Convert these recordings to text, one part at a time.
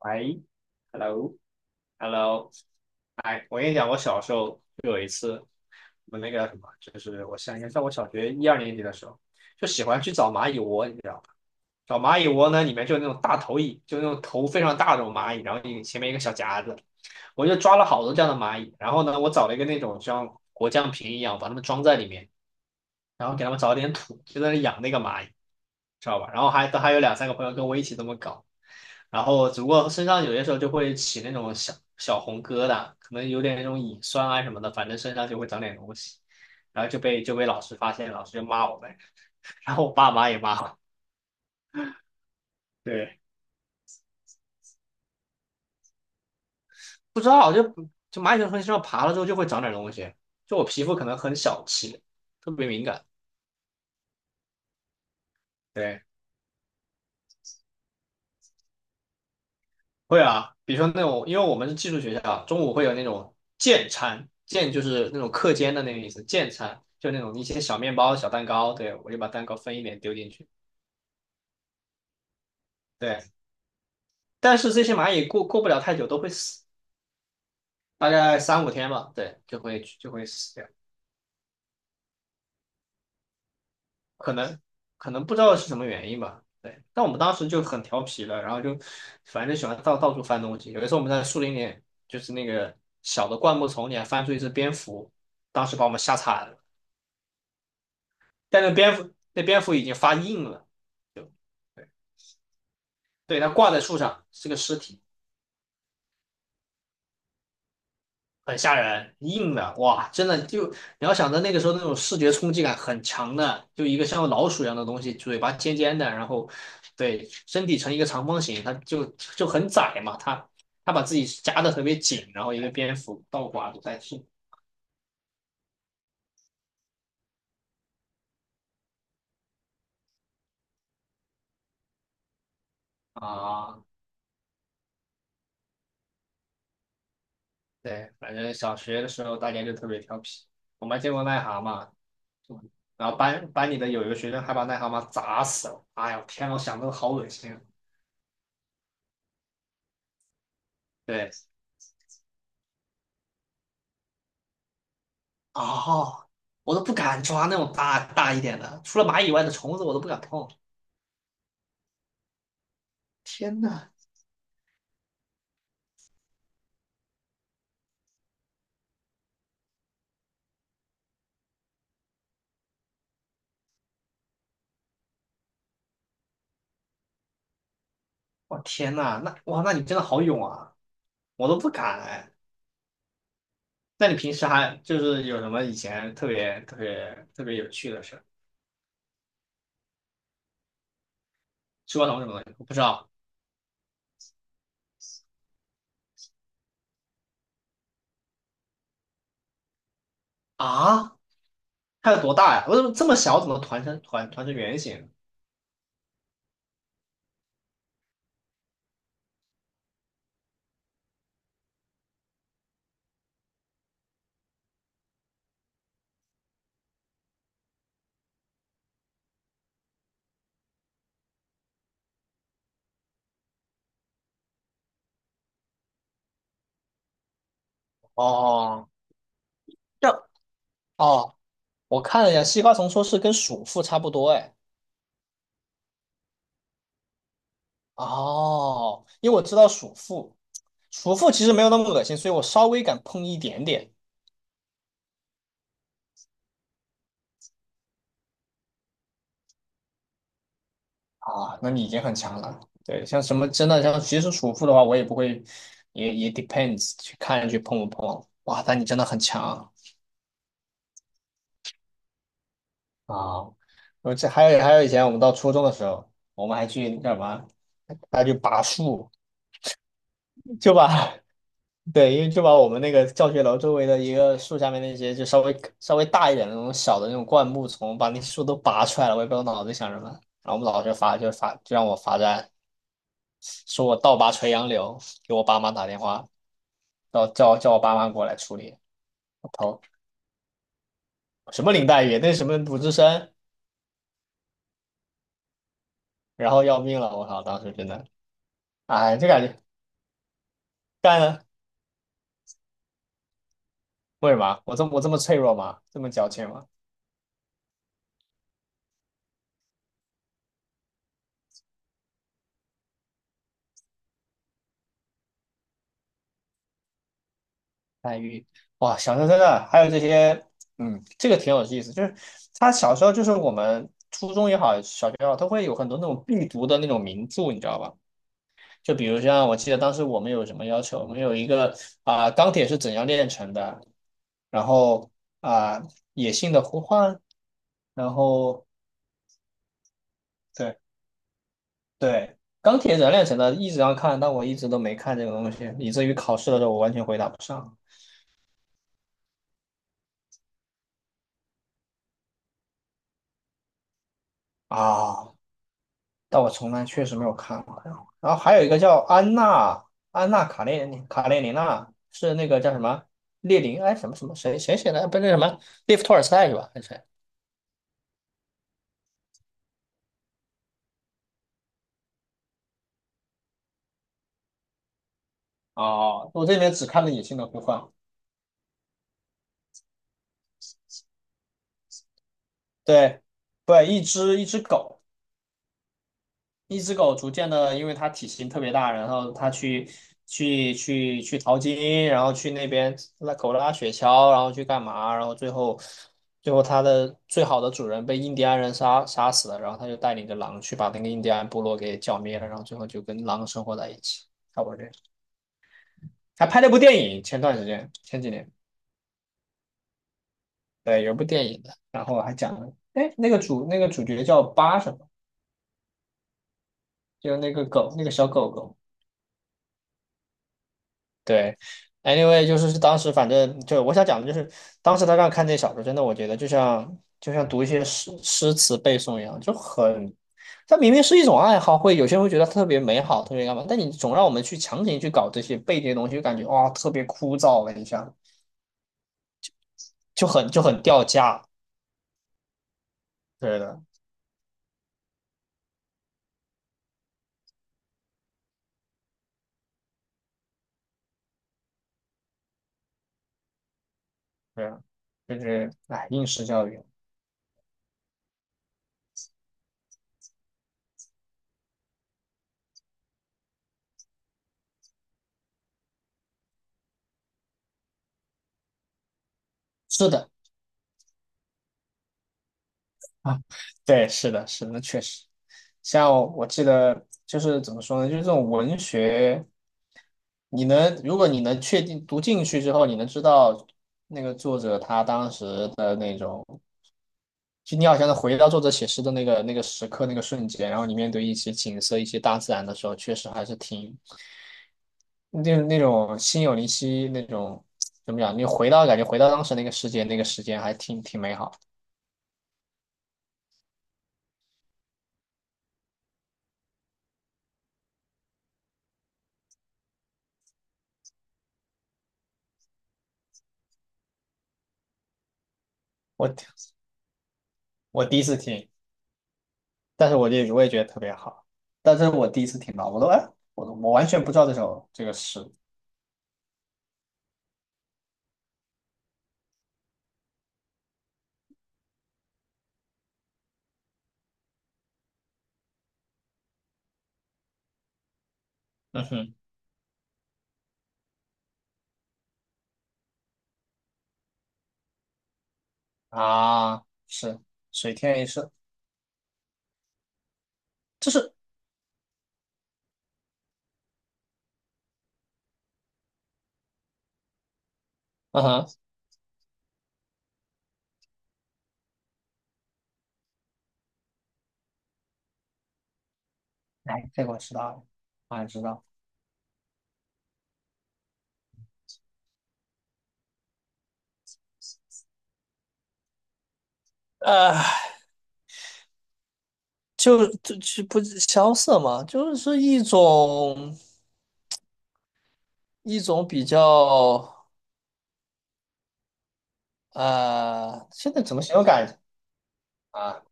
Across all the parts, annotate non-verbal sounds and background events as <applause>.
喂，hello hello，哎，我跟你讲，我小时候就有一次，我那个什么，就是我想应该在我小学一二年级的时候，就喜欢去找蚂蚁窝，你知道吗？找蚂蚁窝呢，里面就有那种大头蚁，就那种头非常大的那种蚂蚁，然后一前面一个小夹子，我就抓了好多这样的蚂蚁，然后呢，我找了一个那种像果酱瓶一样，把它们装在里面，然后给他们找点土，就在那养那个蚂蚁，知道吧？然后还都还有两三个朋友跟我一起这么搞，然后只不过身上有些时候就会起那种小小红疙瘩，可能有点那种蚁酸啊什么的，反正身上就会长点东西，然后就被老师发现，老师就骂我们，然后我爸妈也骂我。对，不知道就蚂蚁从身上爬了之后就会长点东西，就我皮肤可能很小气，特别敏感。对。会啊，比如说那种，因为我们是寄宿学校，中午会有那种健餐，健就是那种课间的那个意思，健餐就那种一些小面包、小蛋糕，对，我就把蛋糕分一点丢进去，对。但是这些蚂蚁过不了太久都会死，大概三五天吧，对，就会死掉，可能不知道是什么原因吧，对。但我们当时就很调皮了，然后就反正就喜欢到处翻东西，有一次我们在树林里，就是那个小的灌木丛里还翻出一只蝙蝠，当时把我们吓惨了。但那蝙蝠已经发硬了，对对，它挂在树上是个尸体，很吓人，硬的，哇，真的就你要想着那个时候那种视觉冲击感很强的，就一个像老鼠一样的东西，嘴巴尖尖的，然后对身体呈一个长方形，它就很窄嘛，它把自己夹得特别紧，然后一个蝙蝠倒挂着在树啊，对，反正小学的时候大家就特别调皮，我们还见过癞蛤蟆，然后班里的有一个学生还把癞蛤蟆砸死了。哎呀，天呐，我想都好恶心。对，哦，我都不敢抓那种大大一点的，除了蚂蚁以外的虫子我都不敢碰。天呐，我天呐，那哇，那你真的好勇啊！我都不敢哎。那你平时还就是有什么以前特别特别特别有趣的事？吃过什么什么东西？我不知道啊，它有多大呀？我怎么这么小？怎么团成团团成圆形？哦，这哦我看了一下，西瓜虫，说是跟鼠妇差不多，哎，哦，因为我知道鼠妇，鼠妇其实没有那么恶心，所以我稍微敢碰一点点啊，那你已经很强了。对，像什么真的像其实鼠妇的话，我也不会，也 depends 去看去碰不碰。哇，但你真的很强啊！我这还有以前我们到初中的时候，我们还去干嘛？还去拔树，就把 <laughs> 对，因为就把我们那个教学楼周围的一个树下面那些就稍微稍微大一点的那种小的那种灌木丛，把那树都拔出来了。我也不知道脑子里想什么。然后我们老师罚就罚就让我罚站，说我倒拔垂杨柳，给我爸妈打电话，叫我爸妈过来处理。我操，什么林黛玉，那什么鲁智深，然后要命了！我靠，当时真的，哎，就感觉干了为什么？我这么脆弱吗？这么矫情吗？黛玉，哇，小说真的还有这些，嗯，这个挺有意思，就是他小时候就是我们初中也好，小学也好，都会有很多那种必读的那种名著，你知道吧？就比如像我记得当时我们有什么要求，我们有一个啊、钢铁是怎样炼成的，然后啊、野性的呼唤，然后对对，钢铁怎样炼成的一直要看，但我一直都没看这个东西，以至于考试的时候我完全回答不上啊。但我从来确实没有看过。然后，然后还有一个叫安娜卡列尼娜，是那个叫什么列宁哎什么什么谁写的？不是那什么列夫托尔斯泰是吧？还是谁？哦，我这里面只看了《野性的呼唤》。对，对，一只狗。一只狗逐渐的，因为它体型特别大，然后它去去淘金，然后去那边拉狗拉雪橇，然后去干嘛，然后最后它的最好的主人被印第安人杀死了，然后它就带领着狼去把那个印第安部落给剿灭了，然后最后就跟狼生活在一起，差不多这样。还拍了部电影，前段时间前几年，对，有部电影的，然后还讲了，哎，那个主角叫巴什么，就是那个狗，那个小狗狗。对，anyway，就是当时反正就我想讲的就是，当时他让看这小说，真的我觉得就像读一些诗词背诵一样，就很，它明明是一种爱好，会有些人会觉得特别美好，特别干嘛，但你总让我们去强行去搞这些背这些东西，就感觉哇特别枯燥了你下，就很掉价。对的，对的，就是哎应试教育，是的啊，对，是的，是的，确实。像我记得就是怎么说呢，就是这种文学，你能如果你能确定读进去之后，你能知道那个作者他当时的那种，就你好像能回到作者写诗的那个时刻那个瞬间，然后你面对一些景色、一些大自然的时候，确实还是挺那那种心有灵犀那种怎么讲？你回到感觉回到当时那个世界，那个时间还挺美好的。我我第一次听。但是我也觉得特别好，但这是我第一次听到，我都哎，我都我完全不知道这首这个诗，嗯哼，啊，是水天一色，这是，嗯哼，哎，这个我知道了，我也知道，呃，就不是萧瑟嘛，就是一种比较现在怎么形容感啊？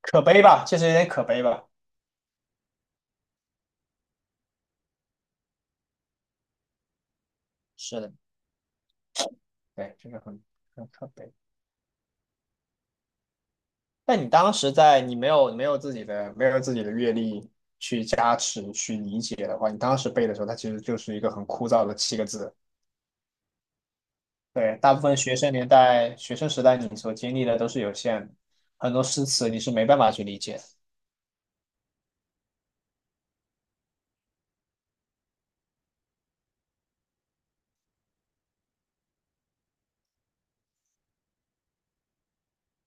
可悲吧，确实有点可悲吧，是的，对，这个很可悲。那你当时在你没有自己的阅历去加持去理解的话，你当时背的时候，它其实就是一个很枯燥的七个字。对，大部分学生年代、学生时代你所经历的都是有限的，很多诗词你是没办法去理解，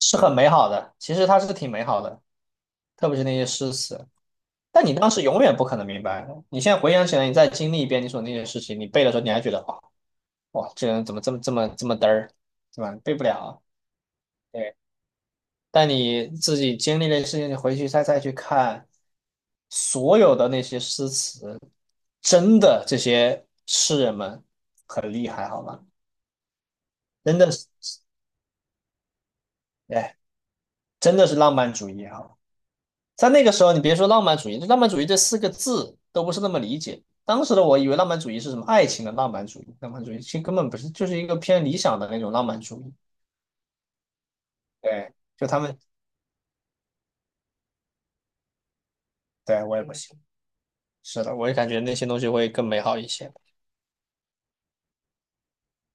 是很美好的，其实它是挺美好的，特别是那些诗词。但你当时永远不可能明白，你现在回想起来，你经历一遍你所那些事情，你背的时候你还觉得哇哇，这个人怎么这么这么这么嘚儿，对吧？背不了啊。对。但你自己经历的事情，你回去再再去看所有的那些诗词，真的这些诗人们很厉害，好吗？真的是，哎，真的是浪漫主义哈。在那个时候，你别说浪漫主义，浪漫主义这四个字都不是那么理解。当时的我以为浪漫主义是什么爱情的浪漫主义，浪漫主义其实根本不是，就是一个偏理想的那种浪漫主义。对，就他们，对，我也不行。是的，我也感觉那些东西会更美好一些。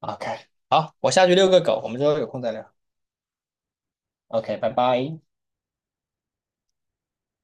OK，好，我下去遛个狗，我们之后有空再聊。OK，拜拜。